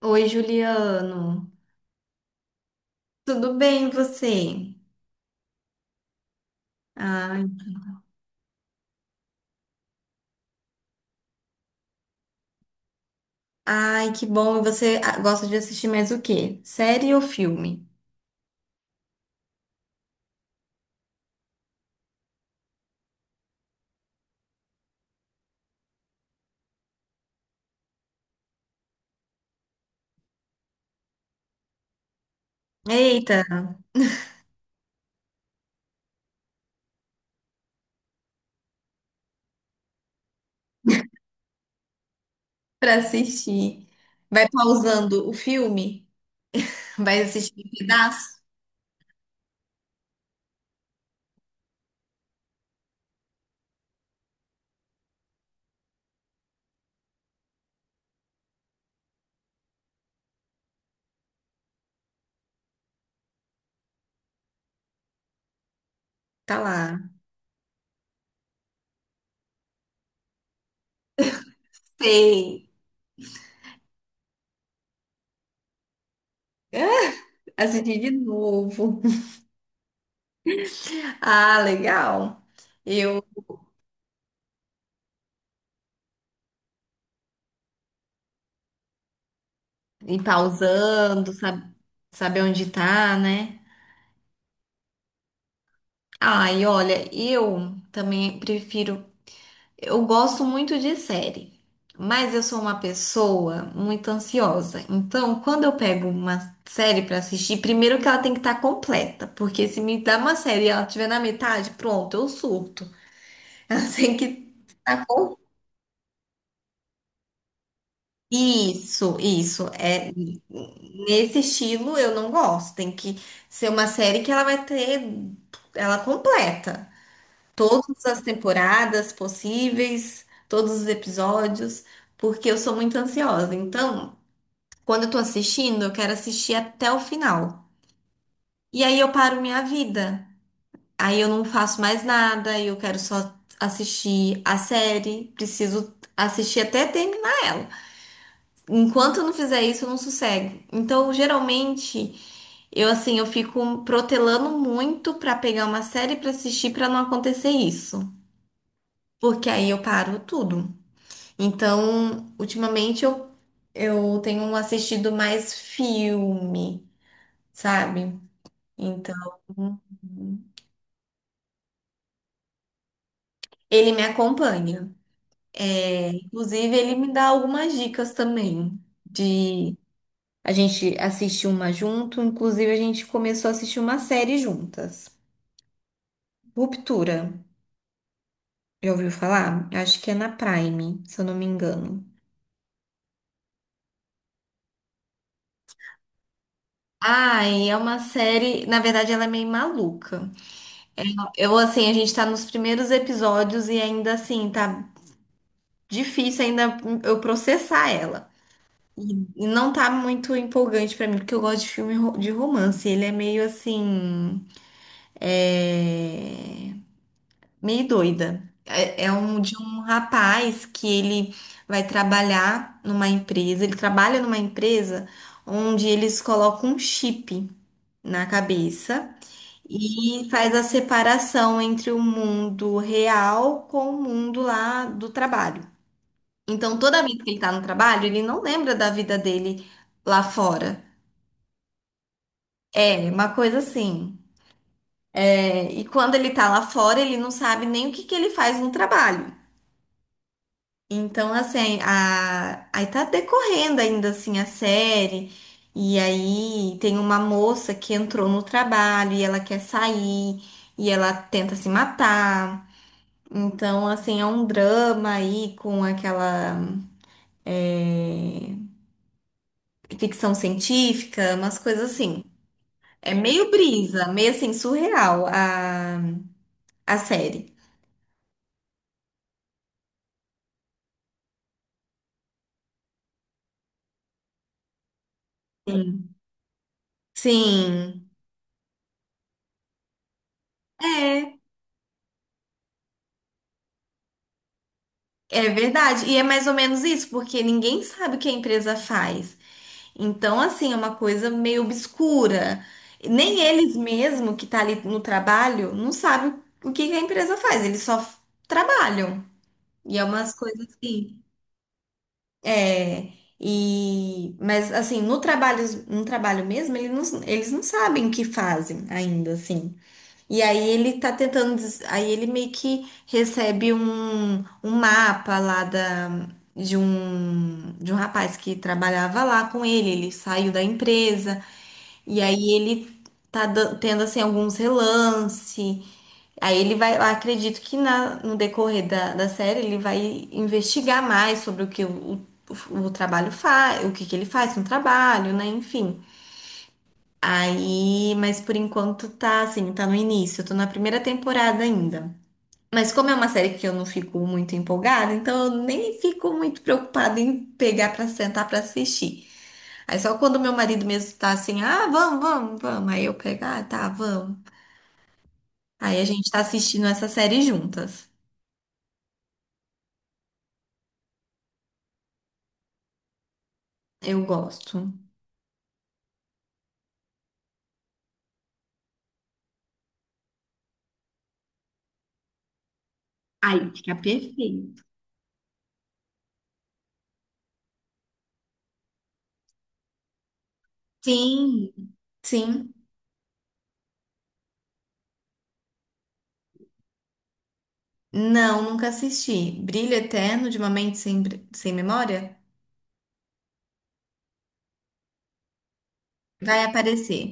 Oi, Juliano. Tudo bem, e você? Ai, ai, que bom. E você, ah, gosta de assistir mais o quê? Série ou filme? Eita, pra assistir. Vai pausando o filme? Vai assistir um pedaço? Tá lá. Sei. É, assistir de novo. Ah, legal. Eu ir pausando, sabe, saber onde tá, né? Ai, olha, eu também prefiro. Eu gosto muito de série, mas eu sou uma pessoa muito ansiosa. Então, quando eu pego uma série pra assistir, primeiro que ela tem que estar completa, porque se me dá uma série e ela estiver na metade, pronto, eu surto. Ela tem que estar completa. Isso, isso. É, nesse estilo eu não gosto. Tem que ser uma série que ela vai ter ela completa. Todas as temporadas possíveis, todos os episódios, porque eu sou muito ansiosa. Então, quando eu tô assistindo, eu quero assistir até o final. E aí eu paro minha vida. Aí eu não faço mais nada, eu quero só assistir a série, preciso assistir até terminar ela. Enquanto eu não fizer isso, eu não sossego. Então, geralmente, eu assim, eu fico protelando muito pra pegar uma série pra assistir pra não acontecer isso, porque aí eu paro tudo. Então, ultimamente eu tenho assistido mais filme, sabe? Então, ele me acompanha. É, inclusive, ele me dá algumas dicas também de a gente assistir uma junto. Inclusive, a gente começou a assistir uma série juntas. Ruptura. Já ouviu falar? Acho que é na Prime, se eu não me engano. Ai, é uma série. Na verdade, ela é meio maluca. Eu, assim, a gente tá nos primeiros episódios e ainda assim, tá difícil ainda eu processar ela. E e não tá muito empolgante pra mim, porque eu gosto de filme de romance. Ele é meio assim. É, meio doida. É, um de um rapaz que ele vai trabalhar numa empresa. Ele trabalha numa empresa onde eles colocam um chip na cabeça. E faz a separação entre o mundo real com o mundo lá do trabalho. Então, toda vez que ele tá no trabalho, ele não lembra da vida dele lá fora. É, uma coisa assim. É, e quando ele tá lá fora, ele não sabe nem o que que ele faz no trabalho. Então, assim, aí tá decorrendo ainda assim a série. E aí tem uma moça que entrou no trabalho e ela quer sair e ela tenta se matar. Então, assim, é um drama aí com aquela é, ficção científica, umas coisas assim. É meio brisa, meio assim, surreal a série. Sim. Sim, é, é verdade. E é mais ou menos isso, porque ninguém sabe o que a empresa faz. Então, assim, é uma coisa meio obscura. Nem eles mesmo que tá ali no trabalho não sabem o que que a empresa faz, eles só trabalham. E é umas coisas assim. É, e, mas assim, no trabalho mesmo, eles não sabem o que fazem ainda, assim. E aí ele tá tentando, aí ele meio que recebe um mapa lá de um rapaz que trabalhava lá com ele, ele saiu da empresa. E aí ele tá tendo assim alguns relance. Aí ele vai, eu acredito que no decorrer da série ele vai investigar mais sobre o que o trabalho faz, o que que ele faz no trabalho, né? Enfim. Aí, mas por enquanto tá assim, tá no início, eu tô na primeira temporada ainda. Mas como é uma série que eu não fico muito empolgada, então eu nem fico muito preocupada em pegar pra sentar pra assistir. Aí só quando meu marido mesmo tá assim, ah, vamos, vamos, vamos. Aí eu pego, ah, tá, vamos. Aí a gente tá assistindo essa série juntas. Eu gosto. Aí fica perfeito. Sim, sim. Não, nunca assisti. Brilho Eterno de uma Mente Sem Memória? Vai aparecer.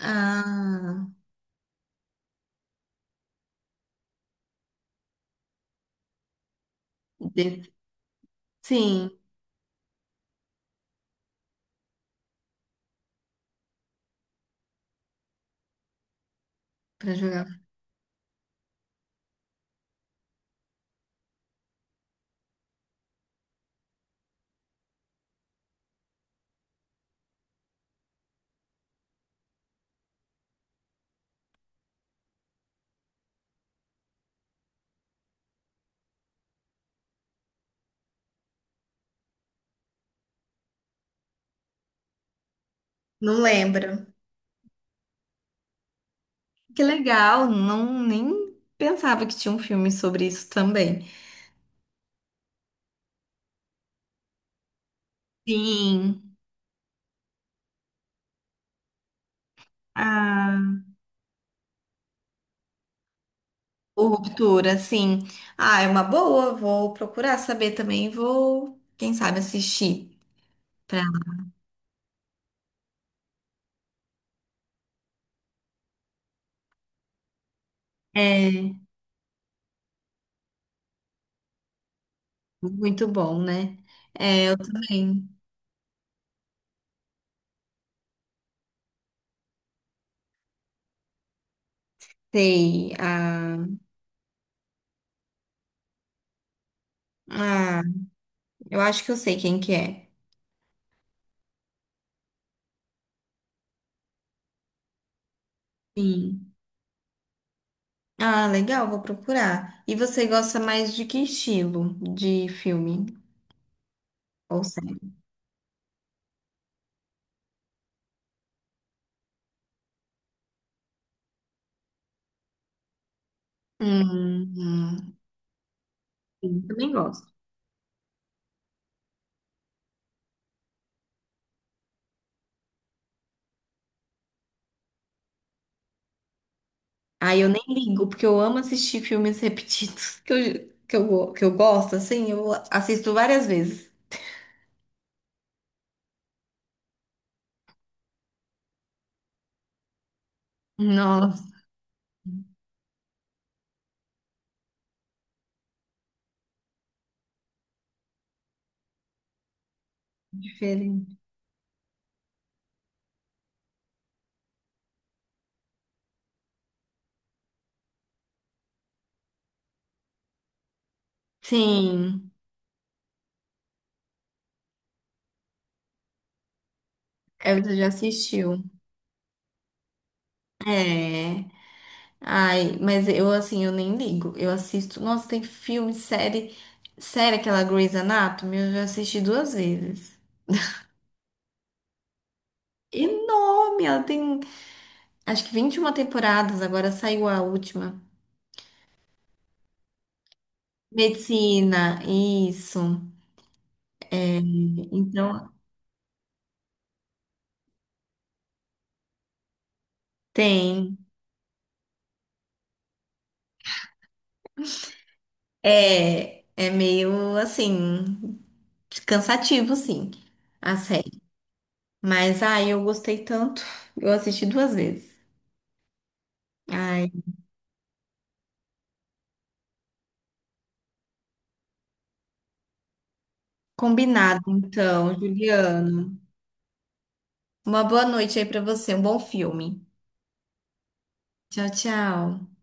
Ah, de- sim, pra jogar. Não lembro. Que legal, não nem pensava que tinha um filme sobre isso também. Sim. Ah. O Ruptura, sim. Ah, é uma boa. Vou procurar saber também. Vou, quem sabe, assistir. Ela. É muito bom, né? Bem, sei. Ah, eu acho que eu sei quem que é. Sim. Ah, legal, vou procurar. E você gosta mais de que estilo de filme ou série? Hum, hum, sim, também gosto. Ah, eu nem ligo, porque eu amo assistir filmes repetidos que eu gosto, assim, eu assisto várias vezes. Nossa, diferente. Sim, é, você já assistiu. É. Ai, mas eu assim, eu nem ligo. Eu assisto. Nossa, tem filme, série. Série, aquela Grey's Anatomy, eu já assisti duas vezes. Enorme! Ela tem acho que 21 temporadas, agora saiu a última. Medicina, isso. Então, tem. É, meio assim, cansativo, sim. A série. Mas, ai, eu gostei tanto. Eu assisti duas vezes. Ai, combinado então, Juliano. Uma boa noite aí pra você, um bom filme. Tchau, tchau.